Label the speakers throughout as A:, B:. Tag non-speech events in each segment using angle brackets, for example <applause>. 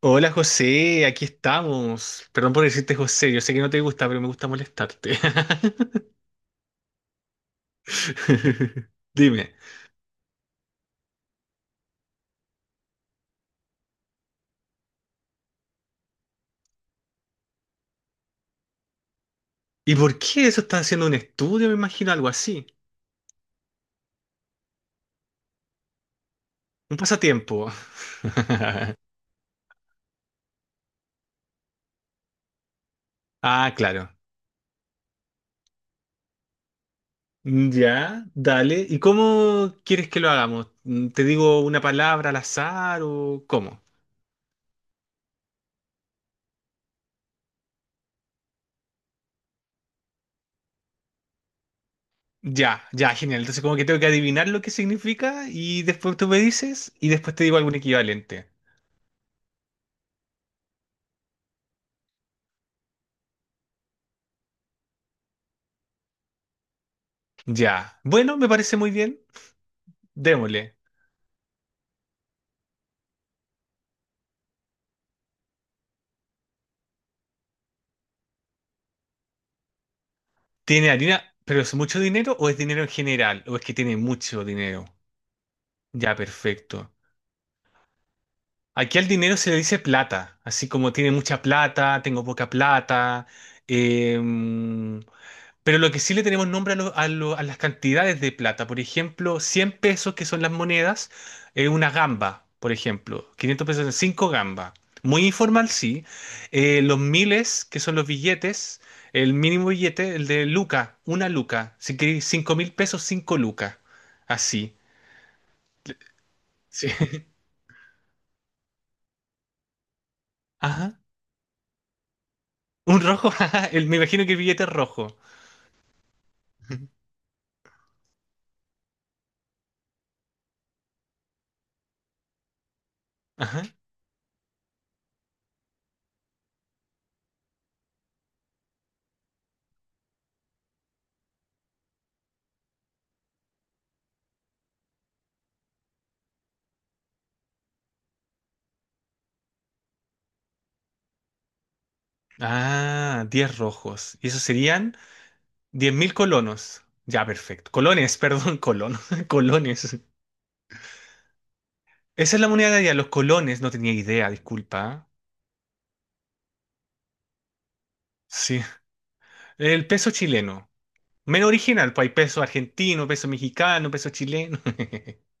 A: Hola José, aquí estamos. Perdón por decirte José, yo sé que no te gusta, pero me gusta molestarte. <laughs> Dime, ¿y por qué eso está haciendo un estudio? Me imagino algo así. Un pasatiempo. Ah, claro. Mm, ya, dale. ¿Y cómo quieres que lo hagamos? Mm, ¿te digo una palabra al azar o cómo? Ya, ya, genial. Entonces como que tengo que adivinar lo que significa y después tú me dices y después te digo algún equivalente. Ya. Bueno, me parece muy bien. Démosle. Tiene harina, pero ¿es mucho dinero o es dinero en general? ¿O es que tiene mucho dinero? Ya, perfecto. Aquí al dinero se le dice plata, así como tiene mucha plata, tengo poca plata, em, pero lo que sí le tenemos nombre a, a las cantidades de plata, por ejemplo, 100 pesos que son las monedas, una gamba, por ejemplo, 500 pesos son 5 gambas. Muy informal, sí. Los miles, que son los billetes, el mínimo billete, el de luca, una luca. Si queréis 5.000 pesos, 5 lucas. Así. Sí. <laughs> Ajá. Un rojo, <laughs> ajá. Me imagino que el billete es rojo. Ajá. Ah, 10 rojos. ¿Y esos serían? 10.000 colonos. Ya, perfecto. Colones, perdón, colonos. <laughs> Colones. Esa es la moneda de allá, los colones. No tenía idea, disculpa. Sí. El peso chileno. Menos original, pues hay peso argentino, peso mexicano, peso chileno. <laughs>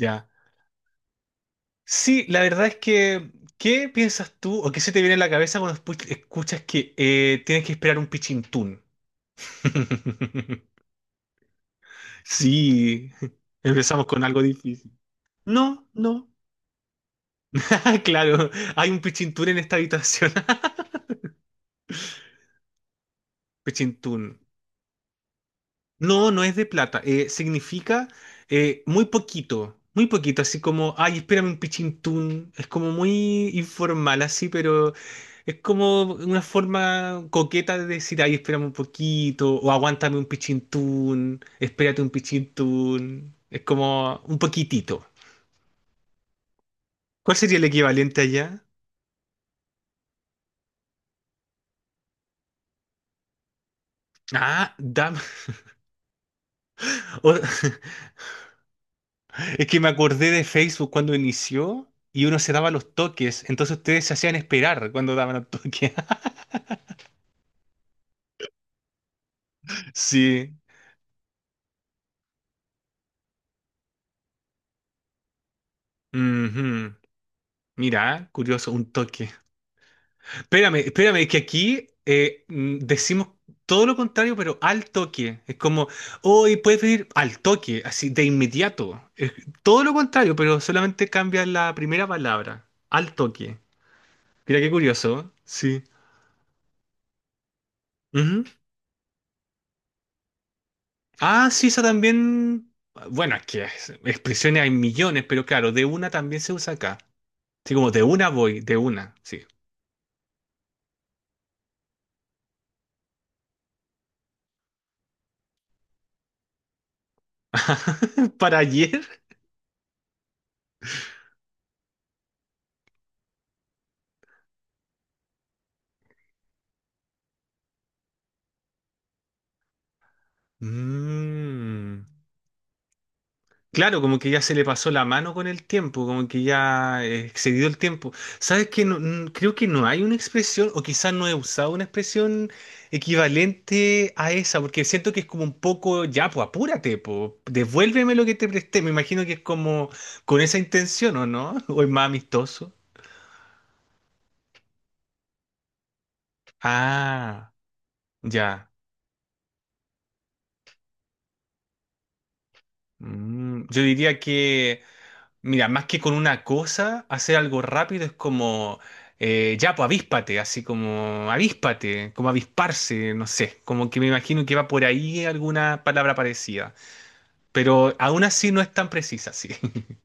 A: Ya. Sí, la verdad es que, ¿qué piensas tú o qué se te viene a la cabeza cuando escuchas que tienes que esperar un pichintún? <laughs> Sí, empezamos con algo difícil. No, no. <laughs> Claro, hay un pichintún en esta habitación. <laughs> Pichintún. No, no es de plata. Significa muy poquito, muy poquito. Así como, ay, espérame un pichintún. Es como muy informal así, pero es como una forma coqueta de decir, ay, espérame un poquito. O aguántame un pichintún. Espérate un pichintún. Es como un poquitito. ¿Cuál sería el equivalente allá? Ah, dame. <laughs> o- Es que me acordé de Facebook cuando inició y uno se daba los toques, entonces ustedes se hacían esperar cuando daban los toques. <laughs> Sí. Ujú. Mira, curioso, un toque. Espérame, espérame, que aquí decimos todo lo contrario, pero al toque. Es como, hoy puedes pedir al toque, así de inmediato. Es todo lo contrario, pero solamente cambia la primera palabra, al toque. Mira qué curioso, ¿eh? Sí. Ujú. Ah, sí, esa también. Bueno, es que expresiones hay millones, pero claro, de una también se usa acá. Sí, como de una voy, de una, sí. <laughs> ¿Para ayer? Mmm. Claro, como que ya se le pasó la mano con el tiempo, como que ya excedió el tiempo. ¿Sabes qué? Creo que no hay una expresión, o quizás no he usado una expresión equivalente a esa, porque siento que es como un poco, ya, pues apúrate, pues, devuélveme lo que te presté. Me imagino que es como con esa intención, ¿o no? <laughs> ¿O es más amistoso? Ah, ya. Mm, yo diría que... Mira, más que con una cosa, hacer algo rápido es como, ya, pues avíspate, así como avíspate, como avisparse, no sé, como que me imagino que va por ahí alguna palabra parecida, pero aún así no es tan precisa, sí. <laughs>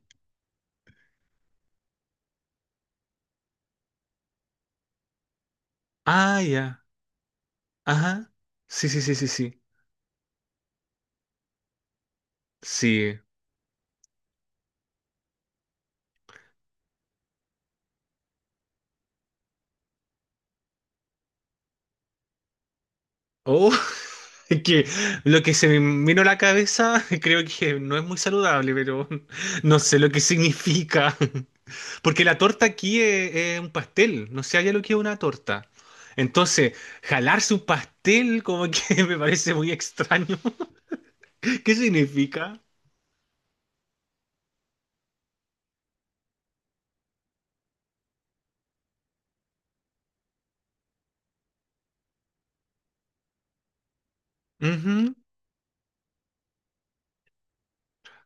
A: Ah, ya, ajá, sí, sí, sí, sí, sí, sí. Oh, <laughs> es que lo que se me vino a la cabeza <laughs> creo que no es muy saludable, pero <laughs> no sé lo que significa. <laughs> Porque la torta aquí es un pastel, no sé allá lo que es una torta. Entonces, jalarse un pastel como que <laughs> me parece muy extraño. <laughs> ¿Qué significa? Ujú.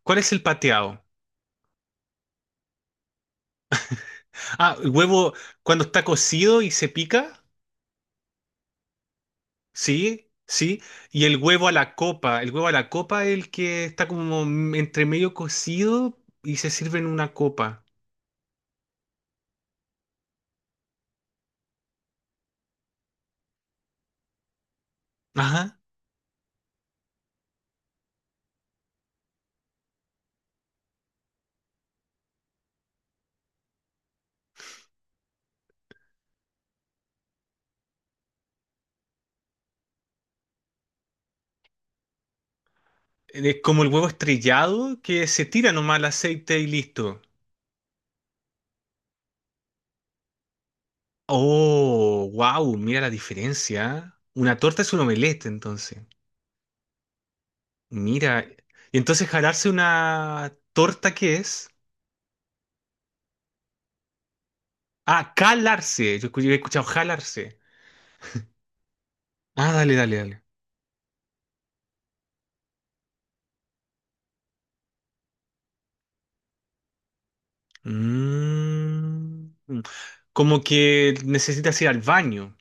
A: ¿Cuál es el pateado? Ah, el huevo cuando está cocido y se pica, sí, sí. Y el huevo a la copa, el huevo a la copa es el que está como entre medio cocido y se sirve en una copa. Ajá. Es como el huevo estrellado que se tira nomás al aceite y listo. Oh, wow, mira la diferencia, ¿eh? Una torta es un omelette, entonces. Mira. Y entonces jalarse una torta, ¿qué es? Ah, calarse. Yo he escuchado jalarse. Ah, dale, dale, dale. Mm. Como que necesitas ir al baño.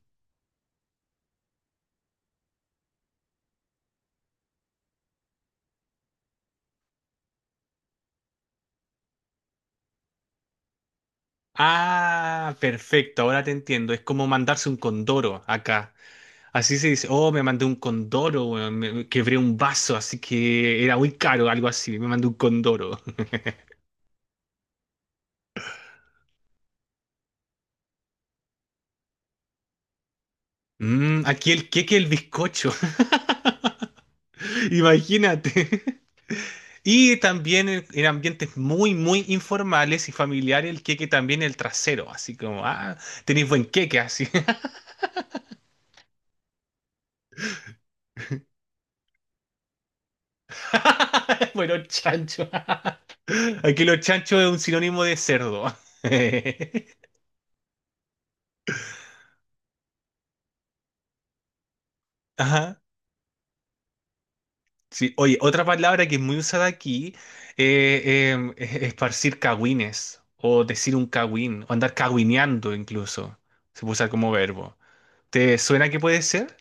A: Ah, perfecto, ahora te entiendo. Es como mandarse un condoro acá. Así se dice, oh, me mandé un condoro, weón, me quebré un vaso, así que era muy caro, algo así. Me mandé un condoro. Mm, aquí el queque, el bizcocho, <laughs> imagínate. Y también en ambientes muy, muy informales y familiares, el queque también el trasero, así como, ah, tenéis buen queque, así. <laughs> Bueno, chancho. <laughs> Aquí los chanchos es un sinónimo de cerdo. <laughs> Ajá. Sí, oye, otra palabra que es muy usada aquí es esparcir cagüines o decir un cagüín o andar cagüineando incluso. Se puede usar como verbo. ¿Te suena que puede ser?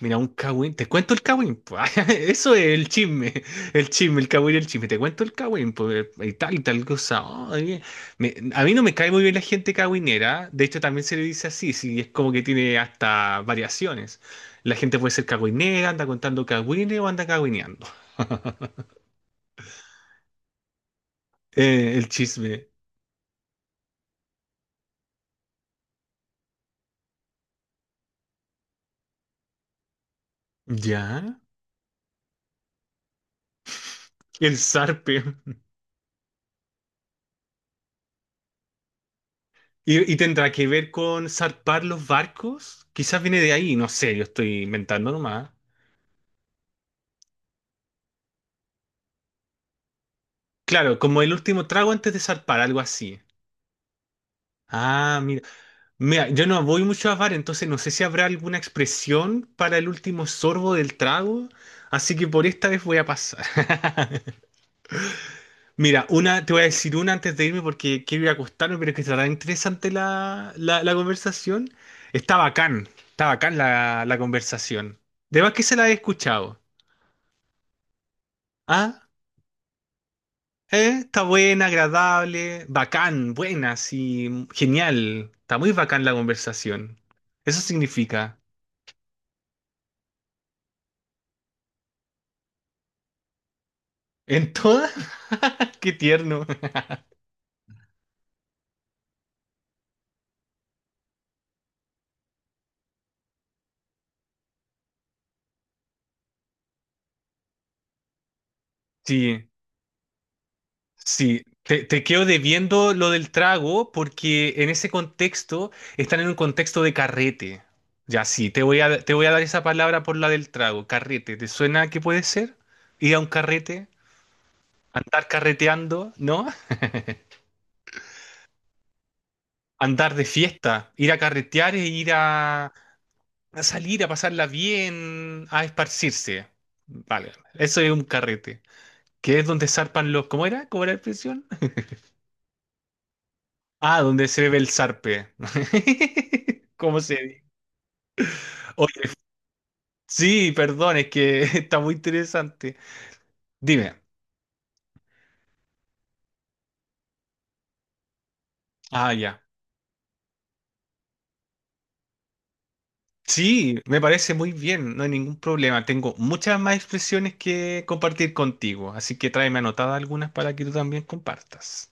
A: Mira, un cagüín. ¿Te cuento el cagüín, po? <laughs> Eso es el chisme. El chisme, el cagüín y el chisme. ¿Te cuento el cagüín, pues? Y tal cosa. Ay, a mí no me cae muy bien la gente cagüinera. De hecho, también se le dice así. Sí, es como que tiene hasta variaciones. La gente puede ser cagüinera, anda contando cagüines o anda cagüineando. <laughs> El chisme. ¿Ya? El zarpe. ¿Y tendrá que ver con zarpar los barcos? Quizás viene de ahí. No sé, yo estoy inventando nomás. Claro, como el último trago antes de zarpar, algo así. Ah, mira. Mira, yo no voy mucho a bar, entonces no sé si habrá alguna expresión para el último sorbo del trago, así que por esta vez voy a pasar. <laughs> Mira, una, te voy a decir una antes de irme porque quiero ir a acostarme, pero es que estará interesante la conversación. Está bacán la conversación. De más que se la he escuchado. Ah. Está buena, agradable, bacán, buena, sí, genial. Está muy bacán la conversación. Eso significa. En todas, <laughs> qué tierno. Sí, sí. Te quedo debiendo lo del trago porque en ese contexto están en un contexto de carrete. Ya sí, te voy a dar esa palabra por la del trago, carrete. ¿Te suena que puede ser? Ir a un carrete, andar carreteando, ¿no? Andar de fiesta, ir a carretear e ir a salir, a pasarla bien, a esparcirse. Vale, eso es un carrete. Que es donde zarpan los... ¿Cómo era? ¿Cómo era la expresión? Ah, donde se ve el zarpe. <laughs> ¿Cómo se dice? Oye, sí, perdón, es que <laughs> está muy interesante. Dime. Ah, ya. Sí, me parece muy bien, no hay ningún problema. Tengo muchas más expresiones que compartir contigo, así que tráeme anotadas algunas para que tú también compartas.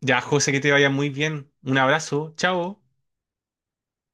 A: Ya, José, que te vaya muy bien. Un abrazo, chao.